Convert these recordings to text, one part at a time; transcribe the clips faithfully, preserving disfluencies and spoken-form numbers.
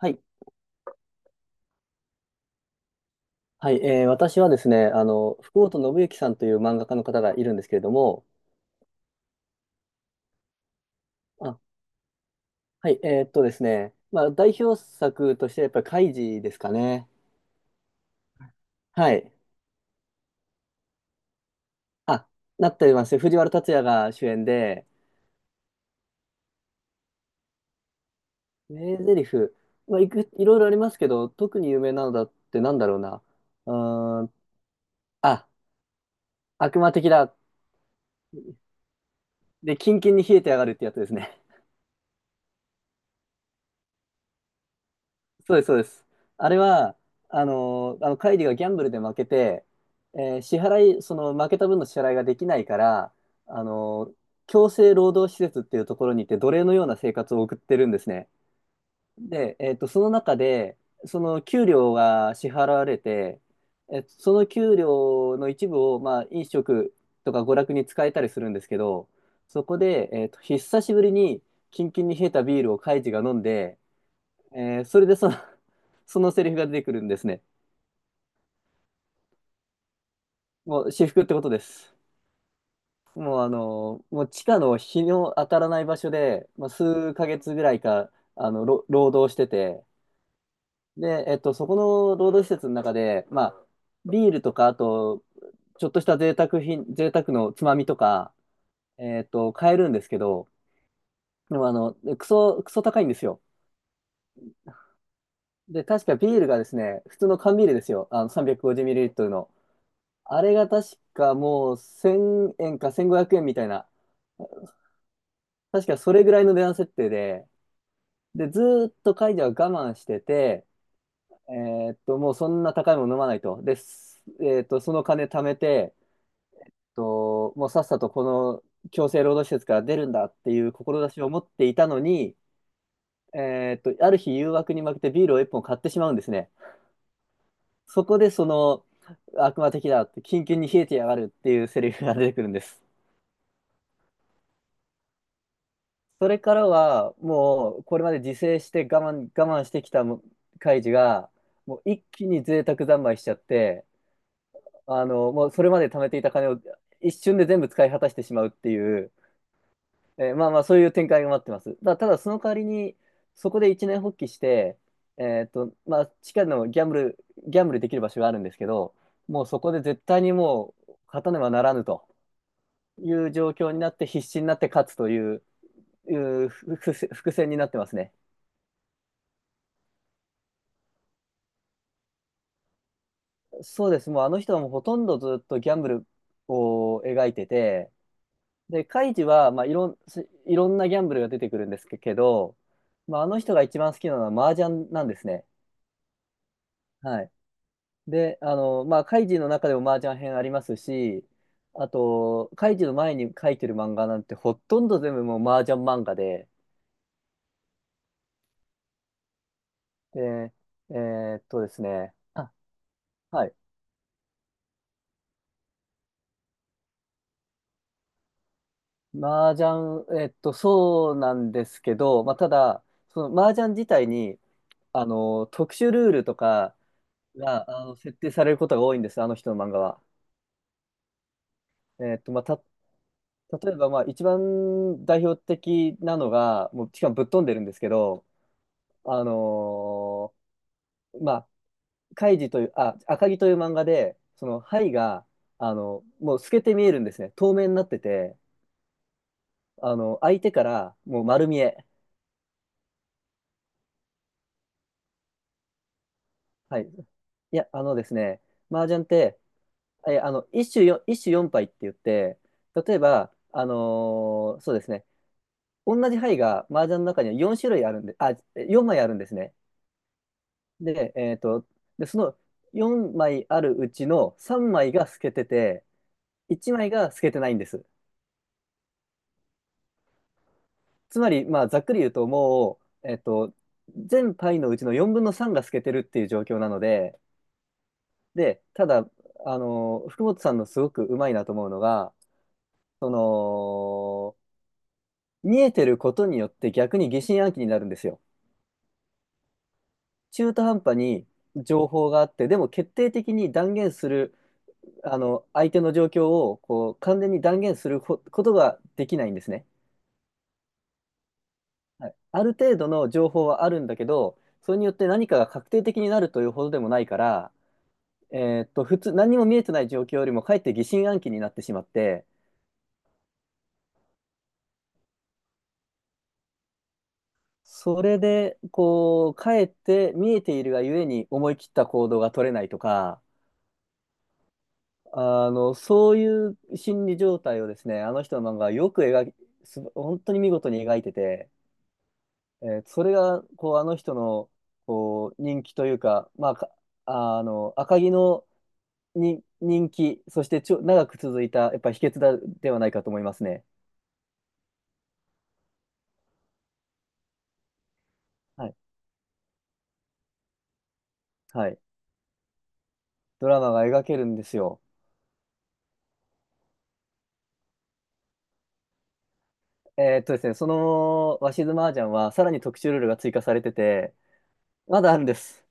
はい。はい。えー私はですね、あの、福本伸之さんという漫画家の方がいるんですけれども、あ、はい。えーっとですね、まあ、代表作としてやっぱりカイジですかね。はい。あ、なってます。藤原竜也が主演で、名台詞、まあ、いく、いろいろありますけど、特に有名なのだってなんだろうな。うーん、あ、悪魔的だ。で、キンキンに冷えてやがるってやつですね。そうです、そうです。あれは、あのーあの、カイリがギャンブルで負けて、えー支払い、その負けた分の支払いができないから、あのー強制労働施設っていうところに行って奴隷のような生活を送ってるんですね。で、えっと、その中で、その給料が支払われて、え、その給料の一部を、まあ、飲食とか娯楽に使えたりするんですけど、そこで、えっと、久しぶりにキンキンに冷えたビールをカイジが飲んで、えーそれでその、そのセリフが出てくるんですね。もう私服ってことです。もうあの、もう地下の日の当たらない場所で、まあ、数ヶ月ぐらいか、あの、ろ労働してて、で、えっと、そこの労働施設の中で、まあ、ビールとか、あと、ちょっとした贅沢品、贅沢のつまみとか、えっと、買えるんですけど、でもあの、クソ、クソ高いんですよ。で、確かビールがですね、普通の缶ビールですよ。あの、さんびゃくごじゅうミリリットル の。あれが確かもうせんえんかせんごひゃくえんみたいな、確かそれぐらいの値段設定で、で、ずーっとカイジは我慢してて、えーっと、もうそんな高いもの飲まないと。で、すえーっと、その金貯めて、えっと、もうさっさとこの強制労働施設から出るんだっていう志を持っていたのに、えーっと、ある日誘惑に負けてビールをいっぽん買ってしまうんですね。そこでその、悪魔的だって、キンキンに冷えてやがるっていうセリフが出てくるんです。それからは、もう、これまで自制して我慢、我慢してきたもカイジが、もう一気に贅沢三昧しちゃって、あの、もうそれまで貯めていた金を一瞬で全部使い果たしてしまうっていう、えーまあまあ、そういう展開が待ってます。だ、ただ、その代わりに、そこで一年発起して、えっと、まあ、地下のギャンブル、ギャンブルできる場所があるんですけど、もうそこで絶対にもう、勝たねばならぬという状況になって、必死になって勝つという、いう伏線伏線になってますね。そうです。もうあの人はもうほとんどずっとギャンブルを描いてて、で、カイジは、まあ、いろん、すいろんなギャンブルが出てくるんですけど、まあ、あの人が一番好きなのは麻雀なんですね。はい。で、あの、まあ、カイジの中でも麻雀編ありますし、あと、カイジの前に書いてる漫画なんてほとんど全部もう麻雀漫画で、で、えーっとですね、あ、はい。麻雀、えっと、そうなんですけど、まあ、ただ、その麻雀自体に、あの、特殊ルールとかが、あの、設定されることが多いんです、あの人の漫画は。えっと、まあ、た、例えば、まあ、一番代表的なのが、もう、しかもぶっ飛んでるんですけど、あのーまあ、カイジという、あ、赤城という漫画で、その、牌が、あの、もう透けて見えるんですね。透明になってて、あの、相手から、もう丸見え。はい。いや、あのですね、麻雀って、えーあの一種よ一種四牌って言って、例えば、あのーそうですね、同じ牌が麻雀の中にはよん種類あるんで、あ、よんまいあるんですね。で、えーと、でそのよんまいあるうちのさんまいが透けてていちまいが透けてないんです。つまり、まあ、ざっくり言うともう、えーと、全牌のうちのよんぶんのさんが透けてるっていう状況なので、で、ただ、あのー福本さんのすごくうまいなと思うのが、その見えてることによって逆に疑心暗鬼になるんですよ。中途半端に情報があって、でも決定的に断言する、あの、相手の状況をこう完全に断言するこことができないんですね。はい、ある程度の情報はあるんだけど、それによって何かが確定的になるというほどでもないから、えーっと、普通、何も見えてない状況よりもかえって疑心暗鬼になってしまって、それで、こう、かえって見えているがゆえに思い切った行動が取れないとか、あの、そういう心理状態をですね、あの人の漫画はよく描き、す本当に見事に描いてて、えーそれが、こう、あの人の、こう、人気というか、まあ、かあの、赤城のに人気、そしてちょ、長く続いた、やっぱり秘訣だ、ではないかと思いますね。はい。はい。ドラマが描けるんですよ。えーっとですね、その、鷲津麻雀は、さらに特殊ルールが追加されてて、まだあるんです。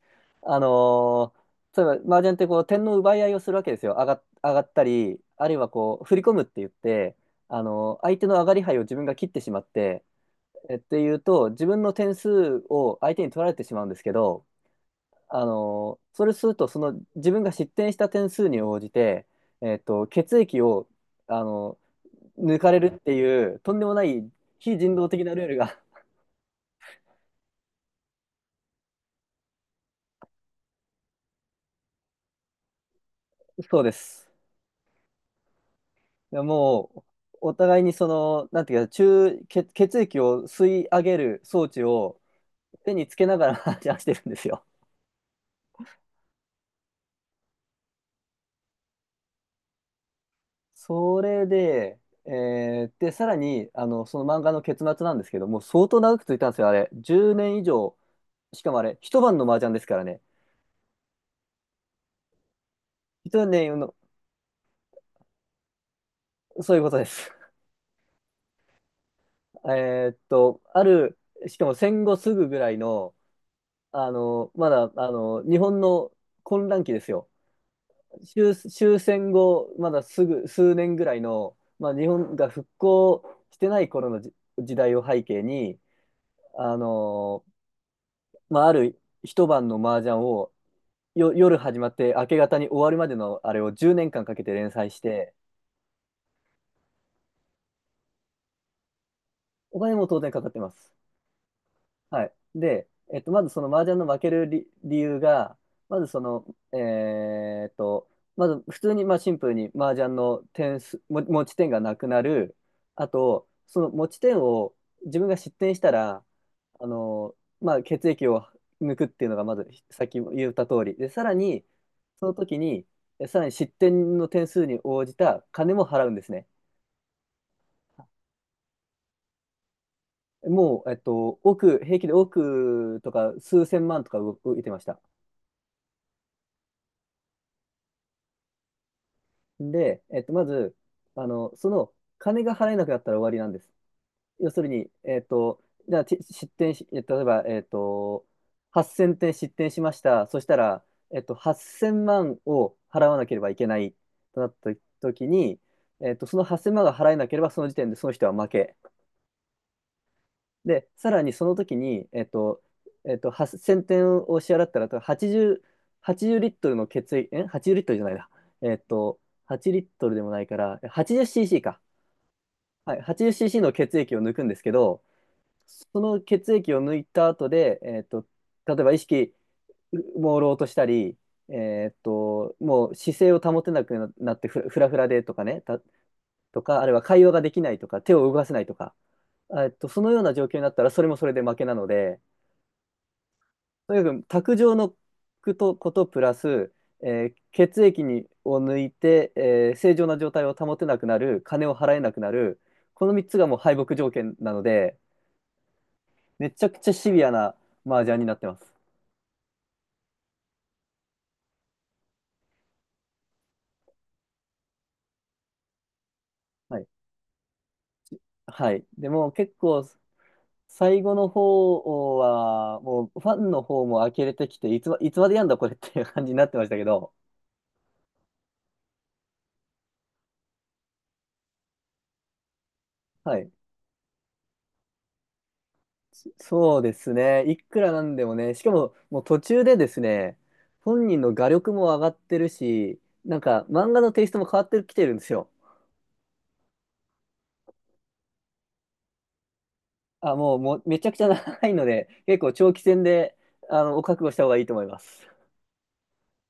あのー例えば、麻雀ってこう、点の奪い合いをするわけですよ。上が、上がったり、あるいはこう、振り込むって言って、あのー相手の上がり牌を自分が切ってしまって、えっていうと、自分の点数を相手に取られてしまうんですけど、あのーそれすると、その自分が失点した点数に応じて、えっと、血液を、あのー抜かれるっていう、とんでもない非人道的なルールが、そうです。いやもう、お互いにその、なんていうか、中、血、血液を吸い上げる装置を手につけながら話し合ってるんですよ。それで、えーで、さらに、あの、その漫画の結末なんですけども、相当長く続いたんですよ、あれ。じゅうねん以上、しかもあれ、一晩の麻雀ですからね。一年の、そういうことです。えーっと、ある、しかも戦後すぐぐらいの、あの、まだ、あの、日本の混乱期ですよ。終、終戦後、まだすぐ、数年ぐらいの、まあ、日本が復興してない頃のじ時代を背景に、あのーまあ、ある一晩の麻雀をよ夜始まって明け方に終わるまでのあれをじゅうねんかんかんかけて連載して、お金も当然かかってます。はい。で、えっと、まずその麻雀の負ける理、理由が、まずその、えーっと、まず普通にまあシンプルに麻雀の点数、も持ち点がなくなる。あと、その持ち点を自分が失点したら、あの、まあ血液を抜くっていうのがまずさっきも言った通り。で、さらに、その時に、えさらに失点の点数に応じた金も払うんですね。もう、えっと、億、平気で億とか数千万とか動いてました。で、えっと、まず、あの、その、金が払えなくなったら終わりなんです。要するに、えっと、じゃあ、ち失点し、え例えば、えっと、はっせんてん失点しました。そしたら、えっと、はっせんまんを払わなければいけないとなった時に、えっと、そのはっせんまんが払えなければ、その時点でその人は負け。で、さらにその時に、えっと、えっと、はっせんてんを支払ったら、はちじゅう、はちじゅうリットルの血液、え？ はちじゅう リットルじゃないな。えっと、はちリットルでもないから、はちじゅうシーシー か。はい、はちじゅうシーシー の血液を抜くんですけど、その血液を抜いた後で、えっと、例えば意識、朦朧としたり、えーっと、もう姿勢を保てなくななってふら、ふらふらでとかね、た、とか、あるいは会話ができないとか、手を動かせないとか、えーっと、そのような状況になったら、それもそれで負けなので、とにかく卓上のことことプラス、えー血液にを抜いて、えー正常な状態を保てなくなる金を払えなくなるこのみっつがもう敗北条件なので、めちゃくちゃシビアな麻雀になってます。はいはい、でも結構最後の方はもうファンの方も呆れてきていつま、いつまでやんだこれっていう感じになってましたけど、はい、そうですね。いくらなんでもね、しかももう途中でですね、本人の画力も上がってるし、なんか漫画のテイストも変わってきてるんですよ。あ、もう、もうめちゃくちゃ長いので、結構長期戦で、あの、お覚悟した方がいいと思います。